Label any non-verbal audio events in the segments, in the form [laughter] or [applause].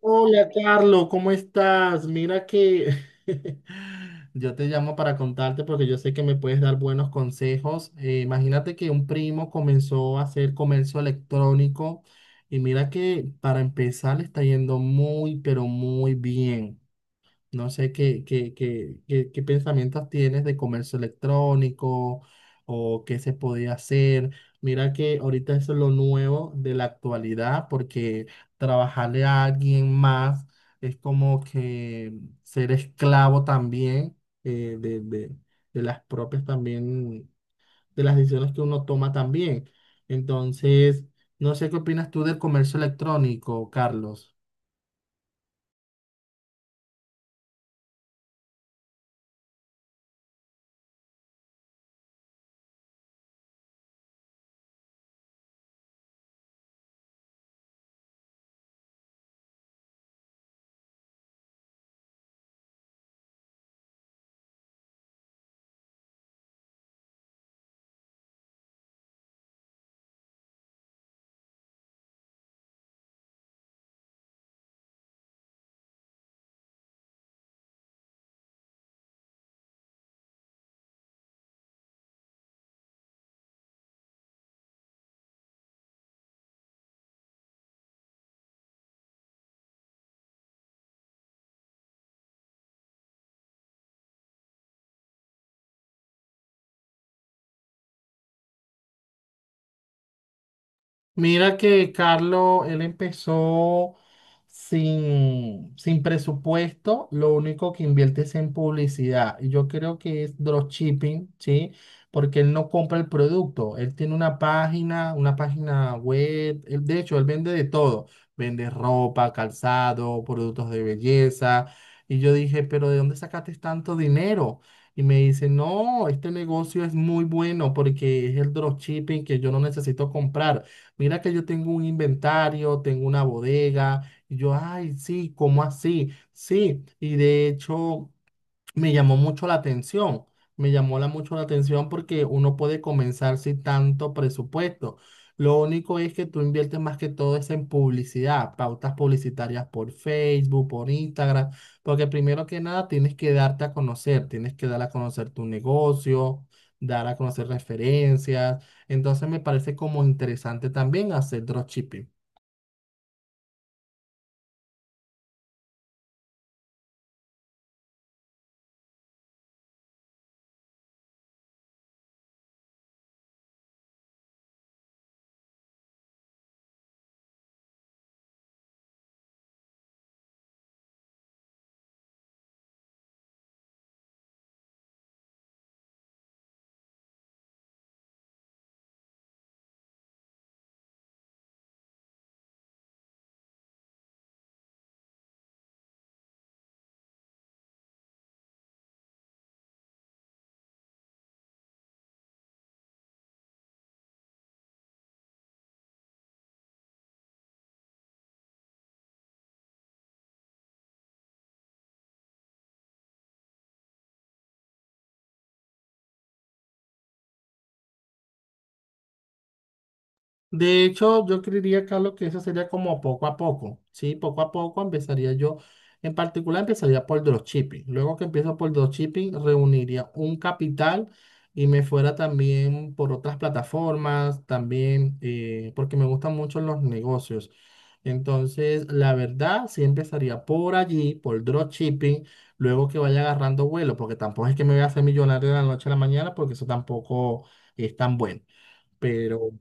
Hola, Carlos, ¿cómo estás? Mira que [laughs] yo te llamo para contarte porque yo sé que me puedes dar buenos consejos. Imagínate que un primo comenzó a hacer comercio electrónico y mira que para empezar le está yendo muy, pero muy bien. No sé qué pensamientos tienes de comercio electrónico o qué se podía hacer. Mira que ahorita eso es lo nuevo de la actualidad porque trabajarle a alguien más es como que ser esclavo también eh, de, de, de las propias también, de las decisiones que uno toma también. Entonces, no sé qué opinas tú del comercio electrónico, Carlos. Mira que Carlos, él empezó sin presupuesto, lo único que invierte es en publicidad. Y yo creo que es dropshipping, ¿sí? Porque él no compra el producto, él tiene una página web, de hecho, él vende de todo, vende ropa, calzado, productos de belleza. Y yo dije, pero ¿de dónde sacaste tanto dinero? Y me dice, no, este negocio es muy bueno porque es el dropshipping que yo no necesito comprar, mira que yo tengo un inventario, tengo una bodega. Y yo, ay, sí, ¿cómo así? Sí, y de hecho me llamó mucho la atención. Mucho la atención porque uno puede comenzar sin tanto presupuesto. Lo único es que tú inviertes más que todo es en publicidad, pautas publicitarias por Facebook, por Instagram, porque primero que nada tienes que darte a conocer, tienes que dar a conocer tu negocio, dar a conocer referencias. Entonces me parece como interesante también hacer dropshipping. De hecho, yo creería, Carlos, que eso sería como poco a poco, ¿sí? Poco a poco empezaría yo, en particular empezaría por dropshipping. Luego que empiezo por dropshipping, reuniría un capital y me fuera también por otras plataformas, también, porque me gustan mucho los negocios. Entonces, la verdad, sí empezaría por allí, por dropshipping, luego que vaya agarrando vuelo, porque tampoco es que me voy a hacer millonario de la noche a la mañana, porque eso tampoco es tan bueno. Pero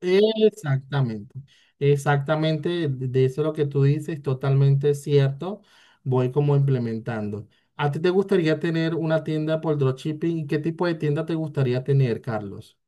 exactamente, exactamente, de eso lo que tú dices, totalmente cierto. Voy como implementando. ¿A ti te gustaría tener una tienda por dropshipping? ¿Y qué tipo de tienda te gustaría tener, Carlos?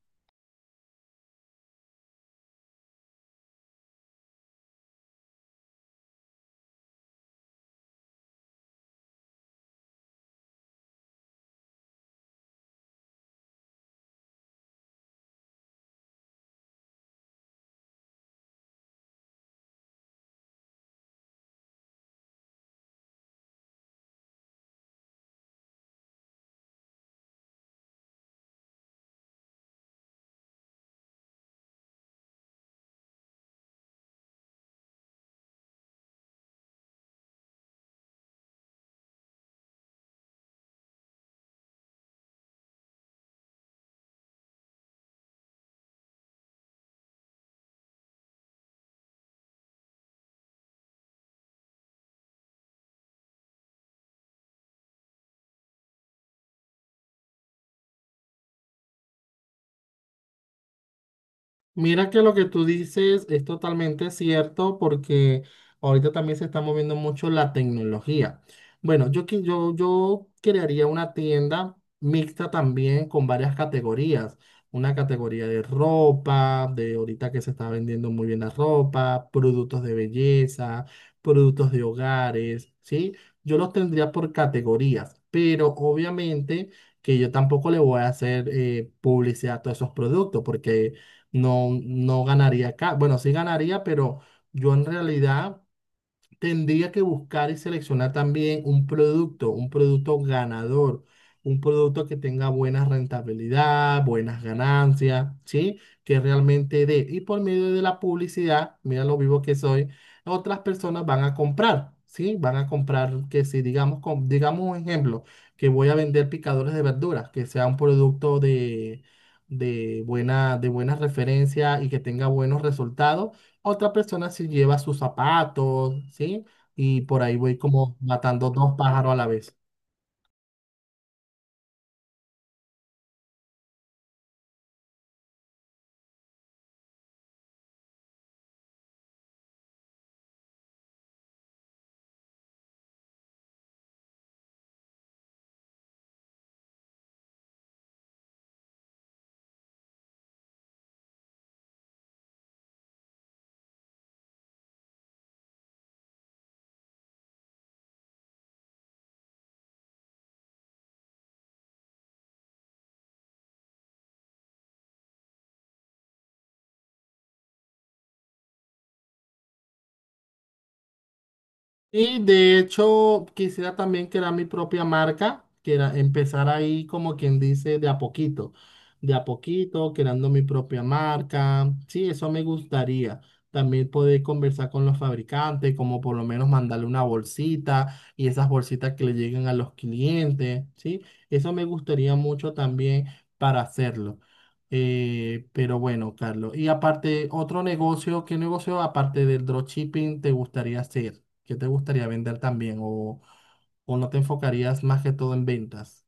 Mira que lo que tú dices es totalmente cierto porque ahorita también se está moviendo mucho la tecnología. Bueno, yo crearía una tienda mixta también con varias categorías. Una categoría de ropa, de ahorita que se está vendiendo muy bien la ropa, productos de belleza, productos de hogares, ¿sí? Yo los tendría por categorías, pero obviamente que yo tampoco le voy a hacer publicidad a todos esos productos porque no, no ganaría acá. Bueno, sí ganaría, pero yo en realidad tendría que buscar y seleccionar también un producto ganador, un producto que tenga buena rentabilidad, buenas ganancias, ¿sí? Que realmente dé. Y por medio de la publicidad, mira lo vivo que soy, otras personas van a comprar, ¿sí? Van a comprar que si, digamos, digamos un ejemplo, que voy a vender picadores de verduras, que sea un producto de de buena referencia y que tenga buenos resultados, otra persona sí lleva sus zapatos, ¿sí? Y por ahí voy como matando dos pájaros a la vez. Y de hecho, quisiera también crear mi propia marca, que era empezar ahí como quien dice de a poquito, creando mi propia marca. Sí, eso me gustaría. También poder conversar con los fabricantes, como por lo menos mandarle una bolsita y esas bolsitas que le lleguen a los clientes, ¿sí? Eso me gustaría mucho también para hacerlo. Pero bueno, Carlos, y aparte, otro negocio, ¿qué negocio aparte del dropshipping te gustaría hacer? ¿Qué te gustaría vender también? O no te enfocarías más que todo en ventas?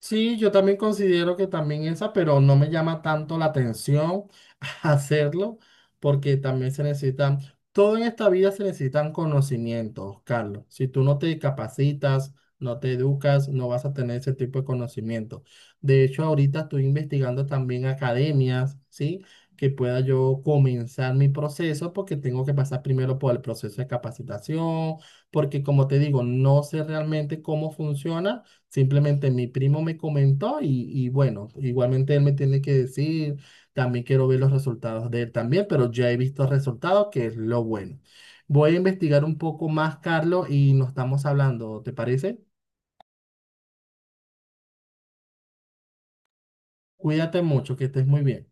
Sí, yo también considero que también esa, pero no me llama tanto la atención [laughs] hacerlo, porque también se necesitan, todo en esta vida se necesitan conocimientos, Carlos. Si tú no te capacitas, no te educas, no vas a tener ese tipo de conocimiento. De hecho, ahorita estoy investigando también academias, ¿sí? Que pueda yo comenzar mi proceso, porque tengo que pasar primero por el proceso de capacitación, porque como te digo, no sé realmente cómo funciona. Simplemente mi primo me comentó y bueno, igualmente él me tiene que decir, también quiero ver los resultados de él también, pero ya he visto resultados, que es lo bueno. Voy a investigar un poco más, Carlos, y nos estamos hablando, ¿te parece? Cuídate mucho, que estés muy bien.